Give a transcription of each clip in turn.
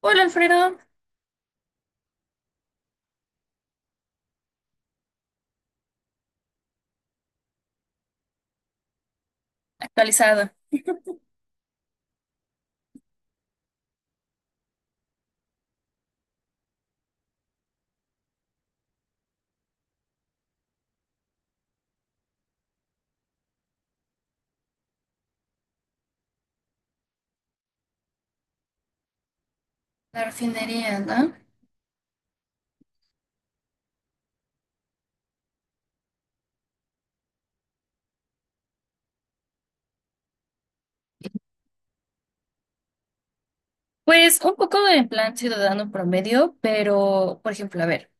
Hola, Alfredo. Actualizado. La refinería, ¿no? Pues un poco en plan ciudadano promedio, pero por ejemplo, a ver,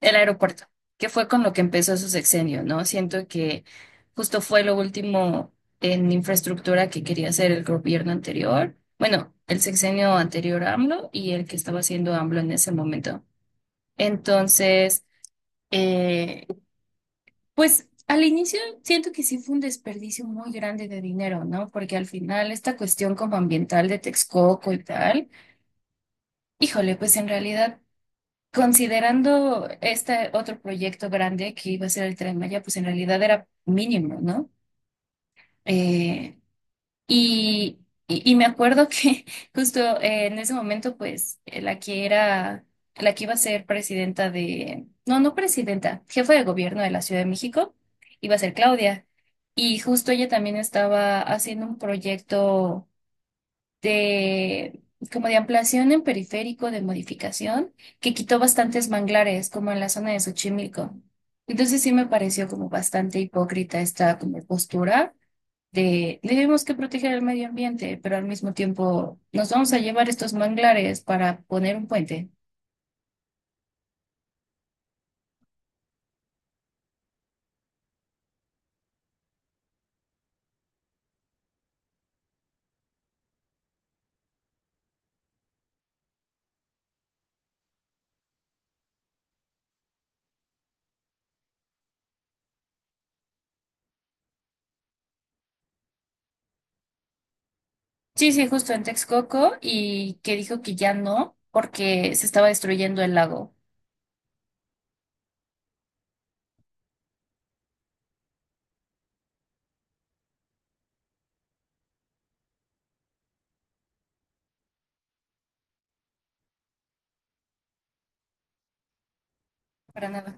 el aeropuerto, que fue con lo que empezó su sexenio, ¿no? Siento que justo fue lo último en infraestructura que quería hacer el gobierno anterior, bueno, el sexenio anterior a AMLO y el que estaba haciendo AMLO en ese momento. Entonces, eh, pues al inicio siento que sí fue un desperdicio muy grande de dinero, ¿no? Porque al final esta cuestión como ambiental de Texcoco y tal, híjole, pues en realidad, considerando este otro proyecto grande que iba a ser el Tren Maya, pues en realidad era mínimo, ¿no? Eh, Y, y me acuerdo que justo en ese momento, pues, la que era, la que iba a ser presidenta de, no, no presidenta, jefa de gobierno de la Ciudad de México, iba a ser Claudia. Y justo ella también estaba haciendo un proyecto de, como de ampliación en periférico, de modificación, que quitó bastantes manglares, como en la zona de Xochimilco. Entonces sí me pareció como bastante hipócrita esta como postura de tenemos que proteger el medio ambiente, pero al mismo tiempo nos vamos a llevar estos manglares para poner un puente. Sí, sí, justo en Texcoco, y que dijo que ya no porque se estaba destruyendo el lago. Para nada.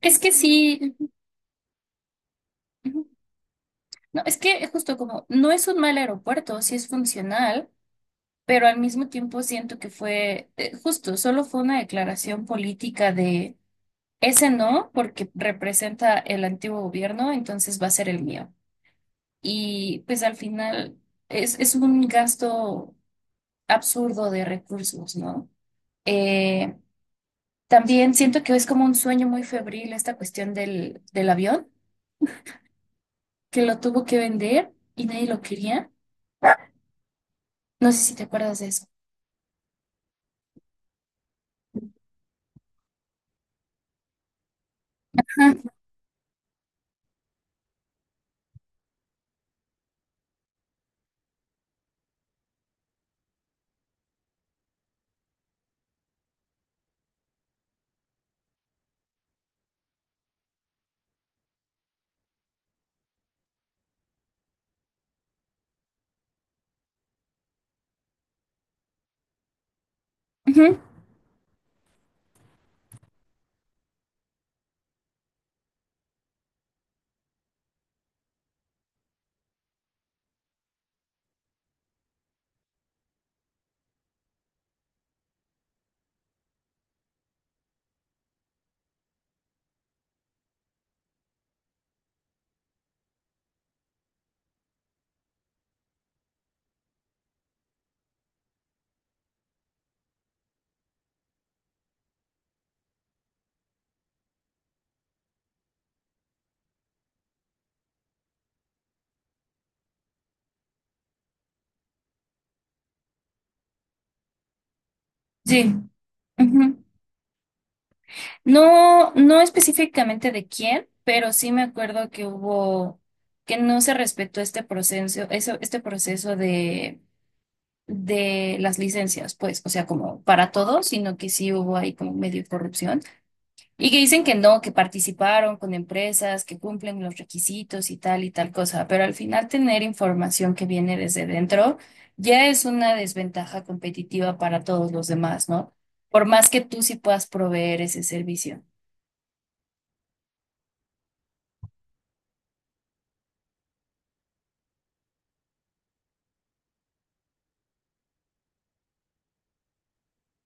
Es que sí, ujú. No, es que justo como no es un mal aeropuerto, sí es funcional, pero al mismo tiempo siento que fue justo, solo fue una declaración política de ese no porque representa el antiguo gobierno, entonces va a ser el mío. Y pues al final es un gasto absurdo de recursos, ¿no? Eh, también siento que es como un sueño muy febril esta cuestión del, del avión, que lo tuvo que vender y nadie lo quería. No sé si te acuerdas de eso. Ajá, ujú, sí. Ujú. No, no específicamente de quién, pero sí me acuerdo que hubo, que no se respetó este proceso, eso, este proceso de las licencias, pues, o sea, como para todos, sino que sí hubo ahí como medio corrupción. Y que dicen que no, que participaron con empresas, que cumplen los requisitos y tal cosa, pero al final tener información que viene desde dentro ya es una desventaja competitiva para todos los demás, ¿no? Por más que tú sí puedas proveer ese servicio.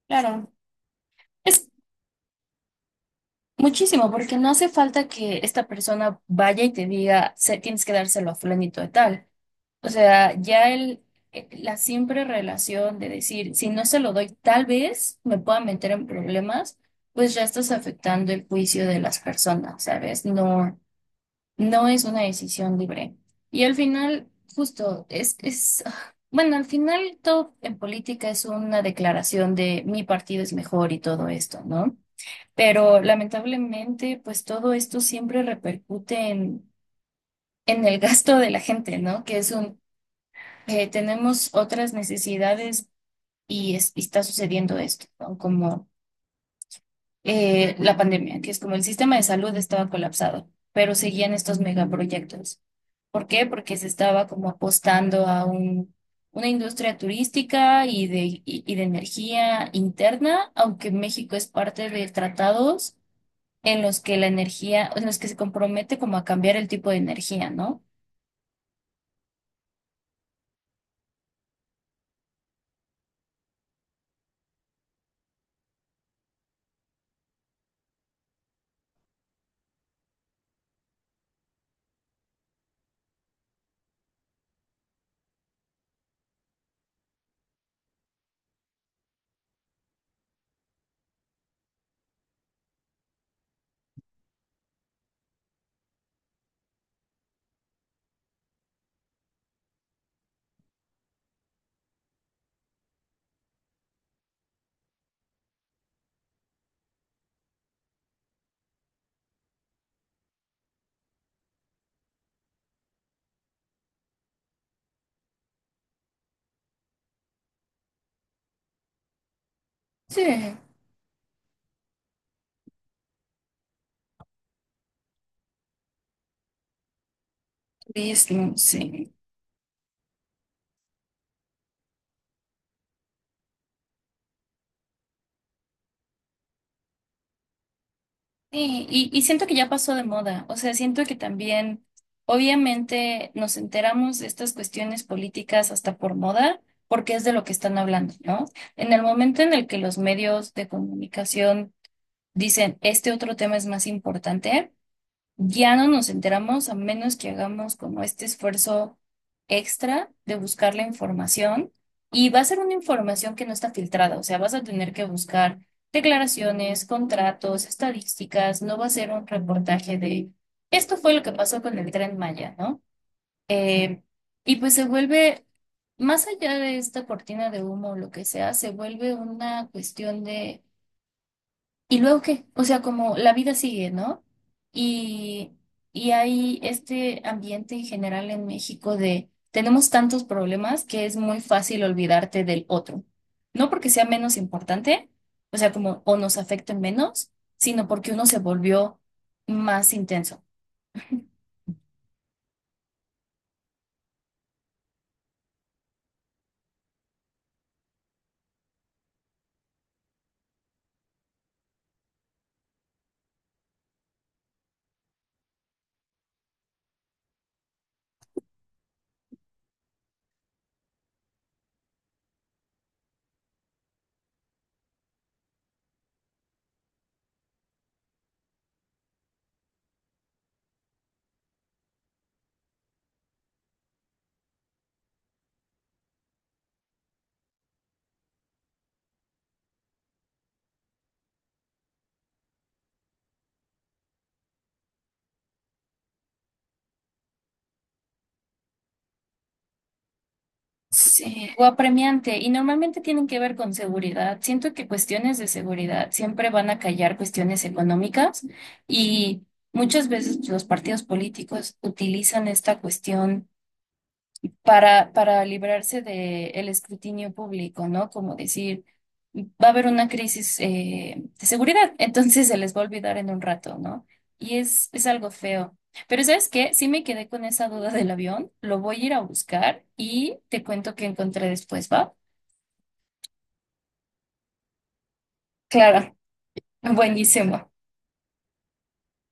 Claro, es muchísimo, porque no hace falta que esta persona vaya y te diga, "Se- tienes que dárselo a fulanito de tal". O sea, ya el, la siempre relación de decir, si no se lo doy, tal vez me pueda meter en problemas, pues ya estás afectando el juicio de las personas, ¿sabes? No, no es una decisión libre. Y al final, justo, es, ah, bueno, al final todo en política es una declaración de mi partido es mejor y todo esto, ¿no? Pero lamentablemente, pues todo esto siempre repercute en el gasto de la gente, ¿no? Que es un tenemos otras necesidades y, es- y está sucediendo esto, ¿no? Como la pandemia, que es como el sistema de salud estaba colapsado, pero seguían estos megaproyectos. ¿Por qué? Porque se estaba como apostando a un, una industria turística y de energía interna, aunque México es parte de tratados en los que la energía, en los que se compromete como a cambiar el tipo de energía, ¿no? Sí, turismo, sí. Sí, y siento que ya pasó de moda. O sea, siento que también, obviamente, nos enteramos de estas cuestiones políticas hasta por moda, porque es de lo que están hablando, ¿no? En el momento en el que los medios de comunicación dicen, este otro tema es más importante, ya no nos enteramos a menos que hagamos como este esfuerzo extra de buscar la información, y va a ser una información que no está filtrada, o sea, vas a tener que buscar declaraciones, contratos, estadísticas, no va a ser un reportaje de esto fue lo que pasó con el Tren Maya, ¿no? Eh, y pues se vuelve, más allá de esta cortina de humo o lo que sea, se vuelve una cuestión de ¿y luego qué? O sea, como la vida sigue, ¿no? Y, y hay este ambiente en general en México de tenemos tantos problemas que es muy fácil olvidarte del otro. No porque sea menos importante, o sea, como o nos afecten menos, sino porque uno se volvió más intenso. Sí, o apremiante, y normalmente tienen que ver con seguridad. Siento que cuestiones de seguridad siempre van a callar cuestiones económicas y muchas veces los partidos políticos utilizan esta cuestión para librarse del escrutinio público, ¿no? Como decir, va a haber una crisis de seguridad, entonces se les va a olvidar en un rato, ¿no? Y es algo feo. Pero ¿sabes qué? Sí me quedé con esa duda del avión, lo voy a ir a buscar y te cuento qué encontré después, ¿va? Claro, buenísimo.